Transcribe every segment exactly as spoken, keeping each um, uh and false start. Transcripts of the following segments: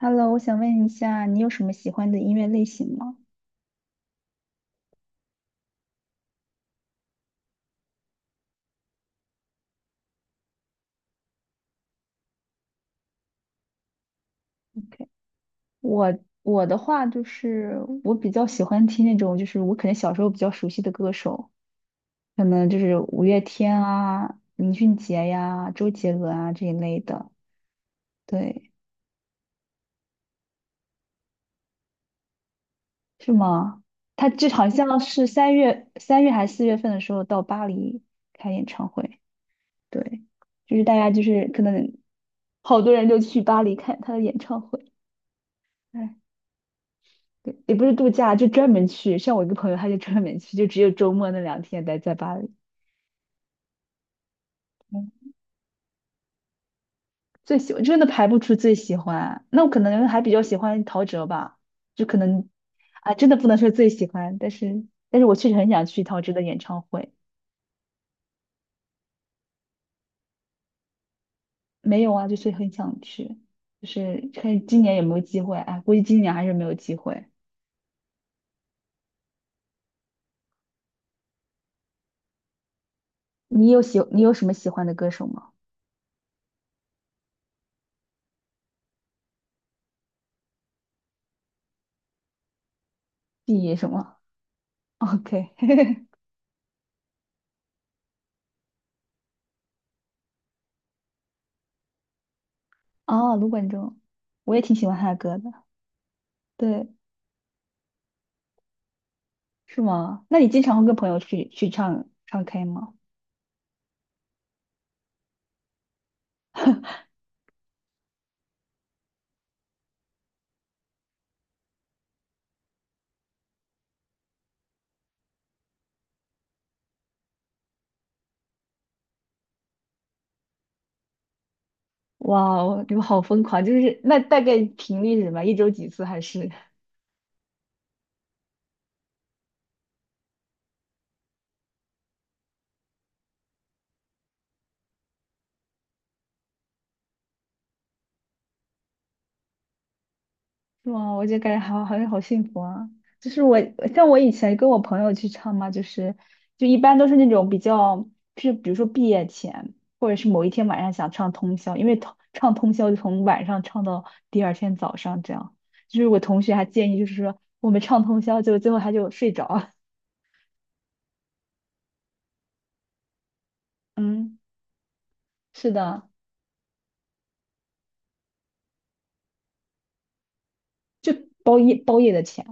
Hello，我想问一下，你有什么喜欢的音乐类型吗？OK，我我的话就是我比较喜欢听那种，就是我可能小时候比较熟悉的歌手，可能就是五月天啊、林俊杰呀、周杰伦啊这一类的。对，是吗？他就好像是三月三月还是四月份的时候到巴黎开演唱会。对，就是大家就是可能好多人就去巴黎看他的演唱会。也不是度假，就专门去。像我一个朋友，他就专门去，就只有周末那两天待在巴黎。嗯。最喜欢真的排不出最喜欢，那我可能还比较喜欢陶喆吧，就可能啊，真的不能说最喜欢，但是但是我确实很想去陶喆的演唱会。没有啊，就是很想去，就是看今年有没有机会。哎，估计今年还是没有机会。你有喜你有什么喜欢的歌手吗？B 什么？OK。哦，卢冠中，我也挺喜欢他的歌的。对，是吗？那你经常会跟朋友去去唱唱 K 吗？哇哦，你们好疯狂！就是那大概频率是什么？一周几次还是？是吗？我就感觉好好像好幸福啊！就是我像我以前跟我朋友去唱嘛，就是就一般都是那种比较，是比如说毕业前，或者是某一天晚上想唱通宵，因为通唱通宵就从晚上唱到第二天早上这样。就是我同学还建议，就是说我们唱通宵，就最后他就睡着了。 嗯，是的。就包夜包夜的钱，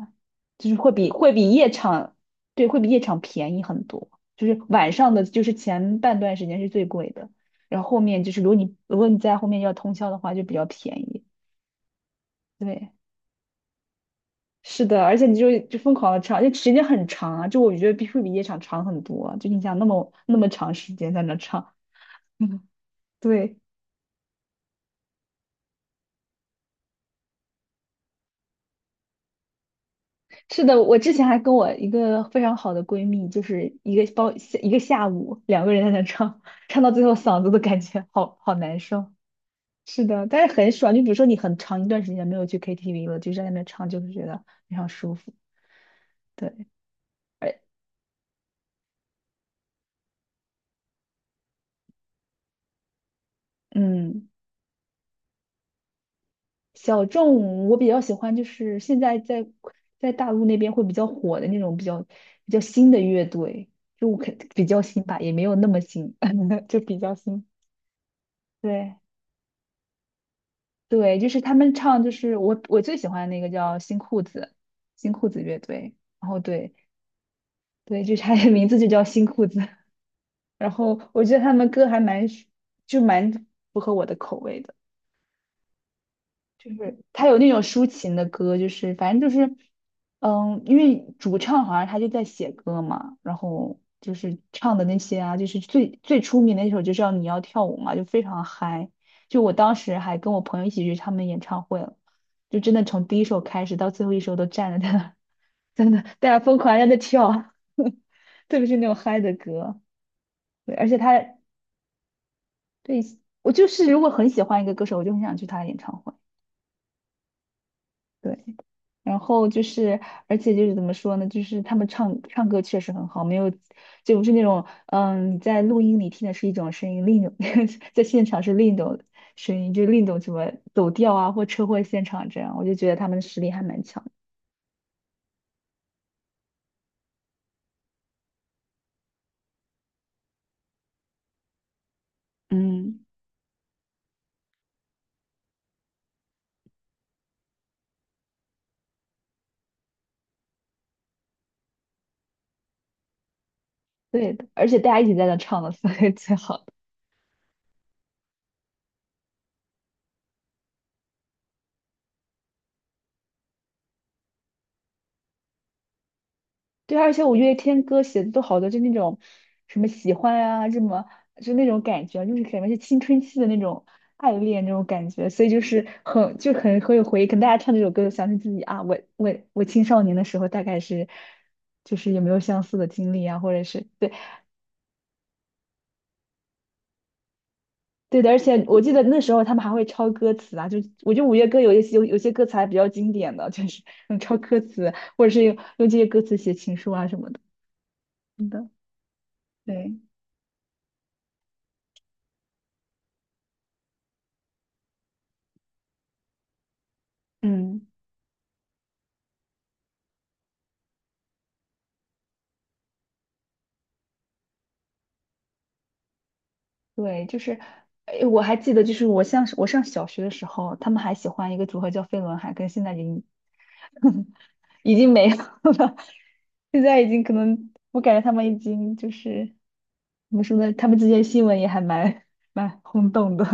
就是会比会比夜场，对，会比夜场便宜很多。就是晚上的，就是前半段时间是最贵的，然后后面就是如果你如果你在后面要通宵的话，就比较便宜。对，是的，而且你就就疯狂的唱，就时间很长啊，就我觉得比会比夜场长很多啊就你想那么那么长时间在那唱，对，是的，我之前还跟我一个非常好的闺蜜，就是一个包一个下午，两个人在那唱，唱到最后嗓子都感觉好好难受。是的，但是很爽。就比如说你很长一段时间没有去 K T V 了，就在那边唱，就是觉得非常舒服。对，哎，嗯，小众我比较喜欢，就是现在在在大陆那边会比较火的那种比较比较新的乐队，就可比较新吧，也没有那么新，就比较新。对。对，就是他们唱，就是我我最喜欢的那个叫新裤子，新裤子乐队。然后对对，就是他的名字就叫新裤子。然后我觉得他们歌还蛮就蛮符合我的口味的。就是他有那种抒情的歌，就是反正就是，嗯，因为主唱好像他就在写歌嘛，然后就是唱的那些啊，就是最最出名的一首就叫《你要跳舞》嘛，就非常嗨。就我当时还跟我朋友一起去他们演唱会了，就真的从第一首开始到最后一首都站着在那儿，在那大家疯狂地在那跳，特别是那种嗨的歌。对而且他对我就是如果很喜欢一个歌手，我就很想去他的演唱会。对，然后就是，而且就是怎么说呢，就是他们唱唱歌确实很好，没有，就不是那种，嗯，你在录音里听的是一种声音，另一种 在现场是另一种声音，就是另一种什么走调啊，或车祸现场这样，我就觉得他们实力还蛮强的。嗯，对的，而且大家一起在那唱的，所以最好。对，而且五月天歌写的都好多，就那种什么喜欢啊，什么就那种感觉，就是感觉是青春期的那种爱恋那种感觉，所以就是很就很很有回忆。可能大家唱这首歌，想起自己啊，我我我青少年的时候大概是就是有没有相似的经历啊，或者是对对的。而且我记得那时候他们还会抄歌词啊，就我觉得五月歌有一些有有些歌词还比较经典的，就是嗯抄歌词，或者是用用这些歌词写情书啊什么的。真的，对，嗯。对，就是，哎，我还记得，就是我上我上小学的时候，他们还喜欢一个组合叫飞轮海，跟现在已经 已经没有了，现在已经可能，我感觉他们已经就是怎么说呢，他们之间新闻也还蛮蛮轰动的，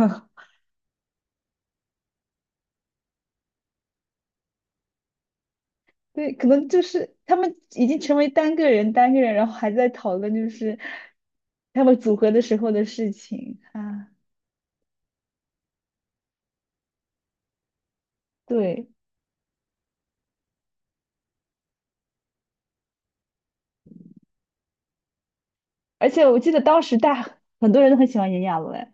对，可能就是他们已经成为单个人单个人，然后还在讨论就是他们组合的时候的事情啊，对，而且我记得当时大很多人都很喜欢炎亚纶。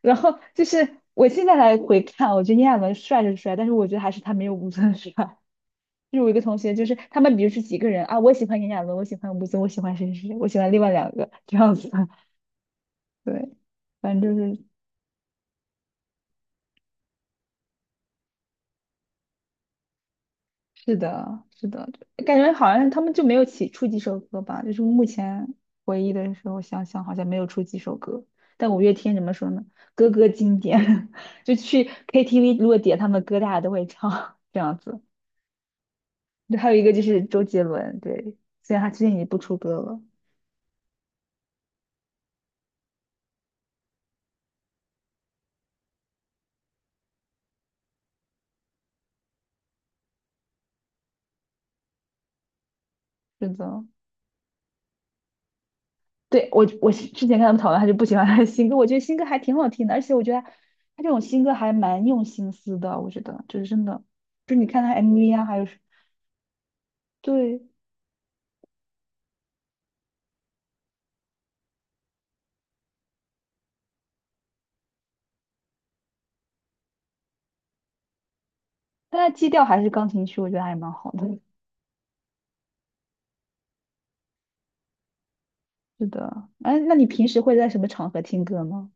然后就是我现在来回看，我觉得炎亚纶帅是帅，但是我觉得还是他没有吴尊帅。就是我一个同学，就是他们比如是几个人啊，我喜欢炎亚纶，我喜欢吴尊，我喜欢谁谁谁，我喜欢另外两个这样子。对，反正就是是的，是的，感觉好像他们就没有起出几首歌吧，就是目前回忆的时候想想，好像没有出几首歌。但五月天怎么说呢？歌歌经典，就去 K T V 如果点他们歌，大家都会唱这样子。对，还有一个就是周杰伦，对，虽然他最近已经不出歌了，真的。对，我我是之前看他们讨论，他就不喜欢他的新歌，我觉得新歌还挺好听的，而且我觉得他这种新歌还蛮用心思的，我觉得就是真的，就是你看他 M V 啊，还有是对，但他基调还是钢琴曲，我觉得还蛮好的。是的，哎，那你平时会在什么场合听歌吗？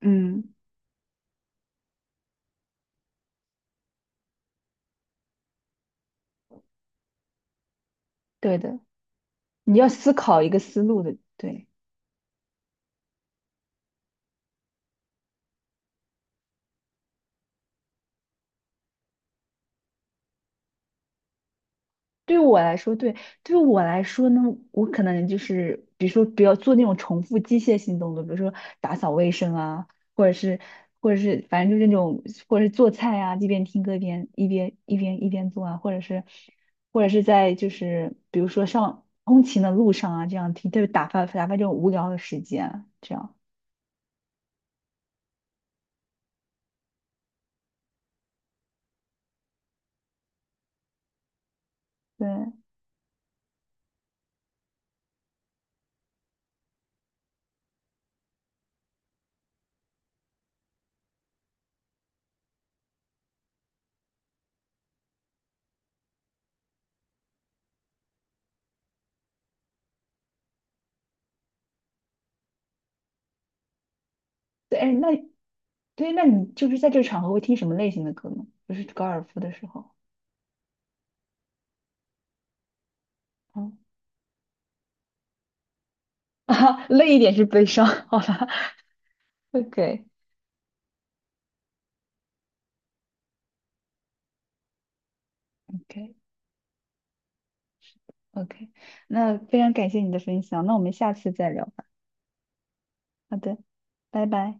嗯，对的，你要思考一个思路的，对。对我来说，对，对我来说呢，我可能就是，比如说不要做那种重复机械性动作，比如说打扫卫生啊，或者是，或者是，反正就是那种，或者是做菜啊，一边听歌一边一边一边一边做啊，或者是，或者是在就是比如说上通勤的路上啊，这样听，对，打发打发这种无聊的时间啊，这样，对，对，哎，那对，那你就是在这个场合会听什么类型的歌呢？就是高尔夫的时候，嗯，啊，累一点是悲伤，好吧。OK OK OK，那非常感谢你的分享，那我们下次再聊吧。好的，拜拜。